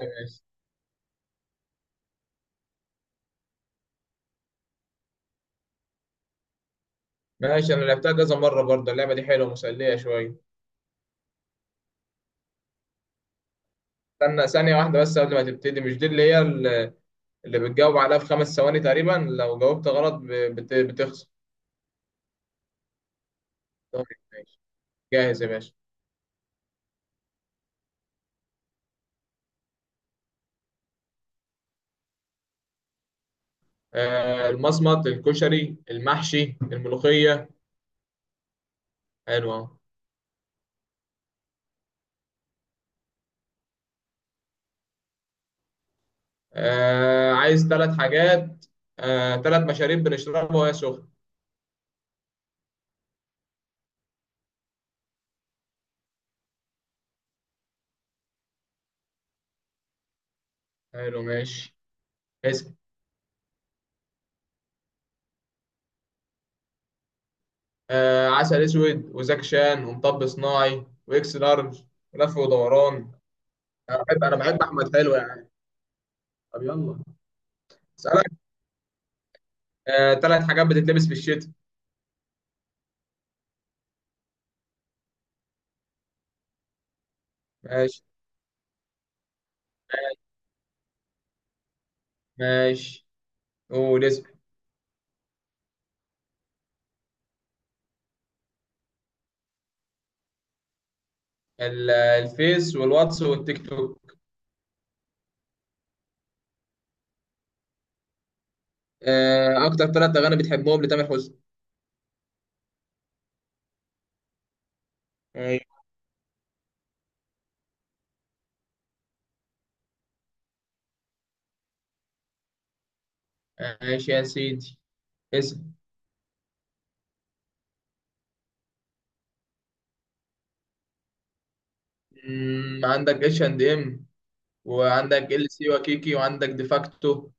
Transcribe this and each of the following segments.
ماشي، ماشي. انا لعبتها كذا مره برضه. اللعبه دي حلوه مسليه شويه. استنى ثانيه واحده بس قبل ما تبتدي. مش دي اللي هي اللي بتجاوب عليها في 5 ثواني تقريبا؟ لو جاوبت غلط بتخسر. طيب. ماشي. جاهز يا باشا. آه، المصمت، الكشري، المحشي، الملوخيه. حلوه أهو. آه، عايز ثلاث حاجات. آه، ثلاث مشاريب بنشربها وهي سخنه. حلو. ماشي. اسم. آه، عسل اسود وزاكشان ومطب صناعي واكس لارج ولف ودوران. انا بحب احمد، حلو يعني. طب يلا. اسالك آه، ثلاث حاجات بتتلبس في الشتاء؟ ماشي. ماشي. قول اسم. الفيس والواتس والتيك توك. آه، اكتر ثلاث اغاني بتحبهم لتامر حسني؟ ايوه. ماشي يا سيدي. اسم. عندك اتش اند ام وعندك ال سي وكيكي وعندك ديفاكتو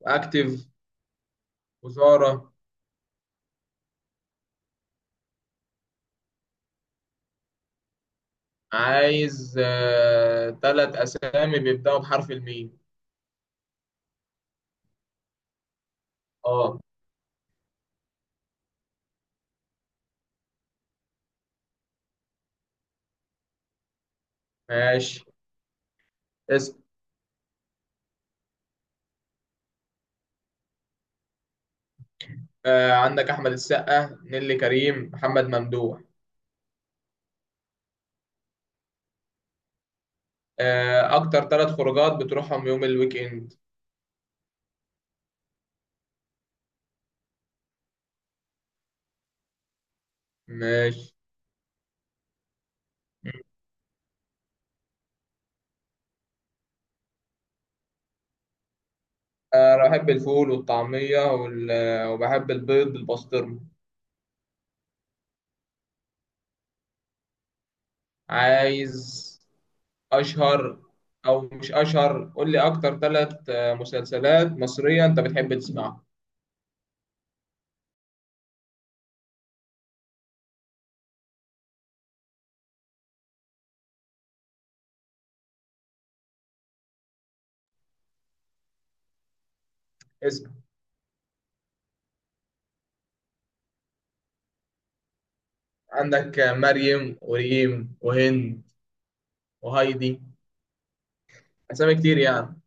واكتيف وزارة. عايز ثلاث اسامي بيبداوا بحرف الميم. اه. ماشي. اسم. آه، عندك أحمد السقا، نيللي كريم، محمد ممدوح. آه، أكتر ثلاث خروجات بتروحهم يوم الويك إند؟ ماشي. آه، أنا بحب الفول والطعمية وال... آه، وبحب البيض بالبسطرمة. عايز أشهر، أو مش أشهر، قول لي أكتر ثلاث مسلسلات مصرية أنت بتحب تسمعها. اسم. عندك آه، مريم وريم وهند وهايدي. أسامي كتير يعني.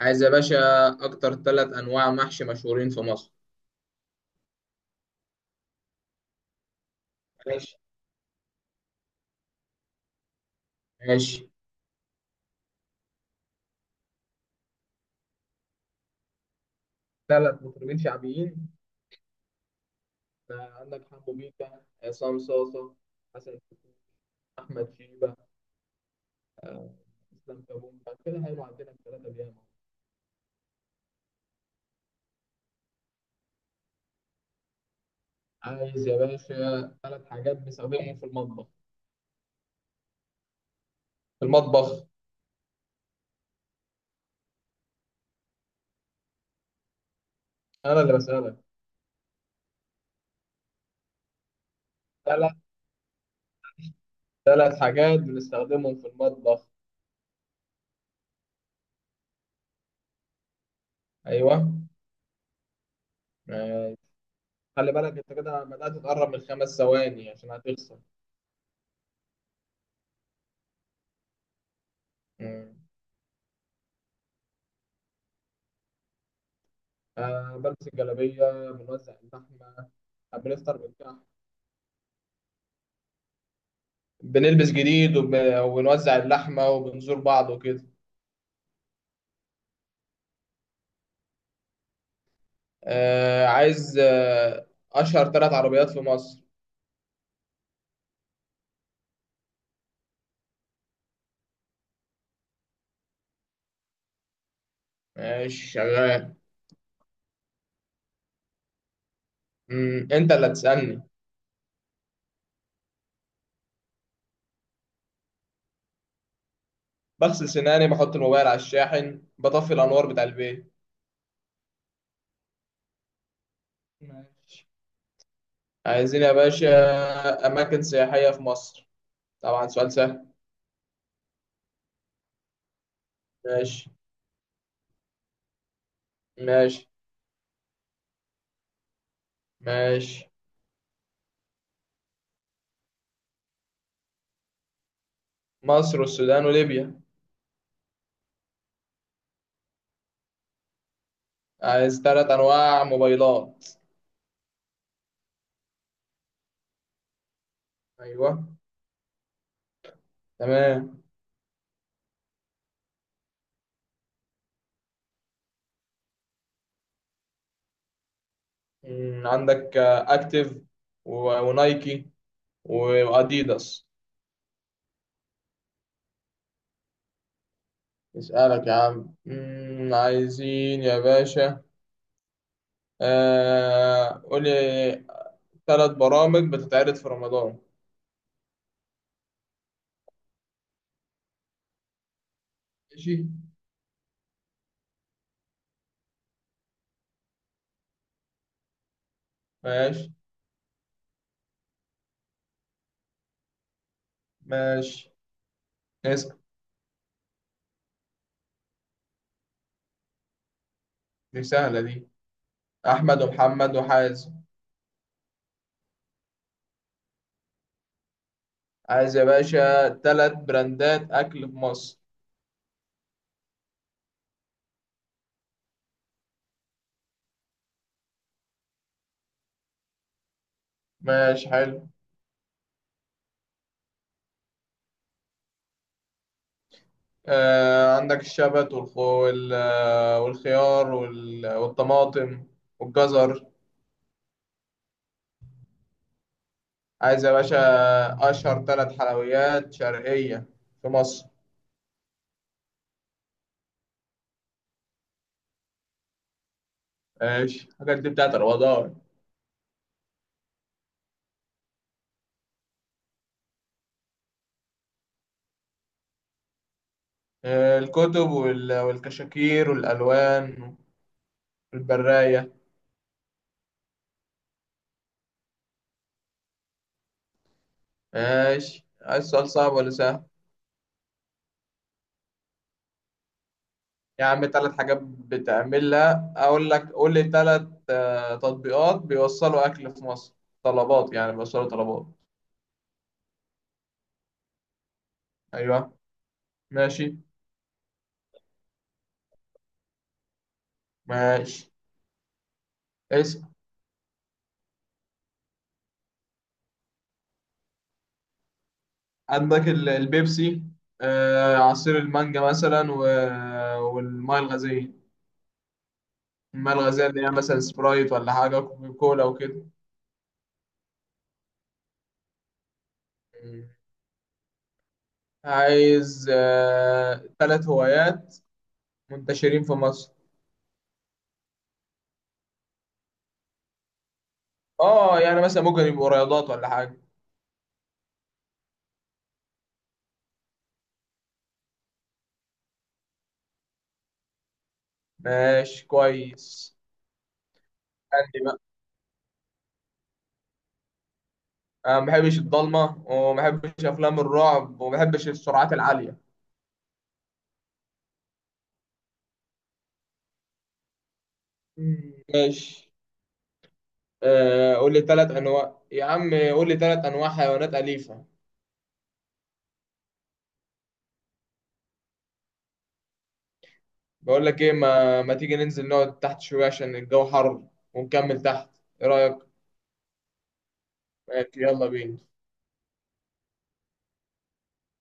عايز يا باشا أكتر ثلاث أنواع محشي مشهورين في مصر ماشي. ماشي. ثلاث مطربين شعبيين. آه، عندك حمو بيكا، عصام صاصة، حسن شاكوش، أحمد شيبة، آه، إسلام كابونجا، كده هيبقى عندنا الثلاثة دي. عايز يا باشا ثلاث حاجات بنستخدمهم في المطبخ. في المطبخ. أنا اللي بسألك. ثلاث ثلاث حاجات بنستخدمهم في المطبخ. أيوه. آه، خلي بالك أنت كده بدأت تقرب من 5 ثواني عشان هتخسر. مم. آه، بلبس الجلابية، بنوزع اللحمة، آه، بنفطر بالكحك. بنلبس جديد وبنوزع اللحمة وبنزور بعض وكده. عايز أشهر ثلاث عربيات في مصر. ماشي شغال. أنت اللي هتسألني. بغسل سناني، بحط الموبايل على الشاحن، بطفي الأنوار بتاع البيت. ماشي. عايزين يا باشا أماكن سياحية في مصر، طبعا سؤال سهل. ماشي. ماشي. ماشي. مصر والسودان وليبيا. عايز ثلاث أنواع موبايلات. أيوه. تمام. عندك اكتيف ونايكي واديداس. اسألك يا عم. عايزين يا باشا، قولي ثلاث برامج بتتعرض في رمضان. ماشي. ماشي. ماشي. اسأل. دي سهلة دي. أحمد ومحمد وحازم. عايز يا باشا ثلاث براندات أكل في مصر. ماشي حلو. آه، عندك الشبت والخيار والطماطم والجزر. عايز يا باشا أشهر ثلاث حلويات شرقية في مصر. ماشي، الحاجات دي بتاعت رمضان. آه، الكتب والكشاكير والألوان والبراية. ماشي. عايز سؤال صعب ولا سهل؟ يا عم، ثلاث حاجات بتعملها، أقول لك، قول لي ثلاث تطبيقات بيوصلوا أكل في مصر. طلبات يعني، بيوصلوا طلبات. أيوه. ماشي. ماشي. اسأل. عندك البيبسي، آه، عصير المانجا مثلا والمية الغازية. المية الغازية اللي هي مثلا سبرايت ولا حاجة، كوكا كولا وكده. مم. عايز تلات هوايات منتشرين في مصر. اه يعني مثلا ممكن يبقوا رياضات ولا حاجة. ماشي كويس. عندي بقى. أنا ما بحبش الضلمة، وما بحبش أفلام الرعب، وما بحبش السرعات العالية. مم. ماشي. آه، قول لي تلات أنواع، يا عم قول لي تلات أنواع حيوانات أليفة. بقول لك ايه، ما تيجي ننزل نقعد تحت شوية عشان الجو حر ونكمل تحت، ايه رأيك؟ ماشي يلا بينا.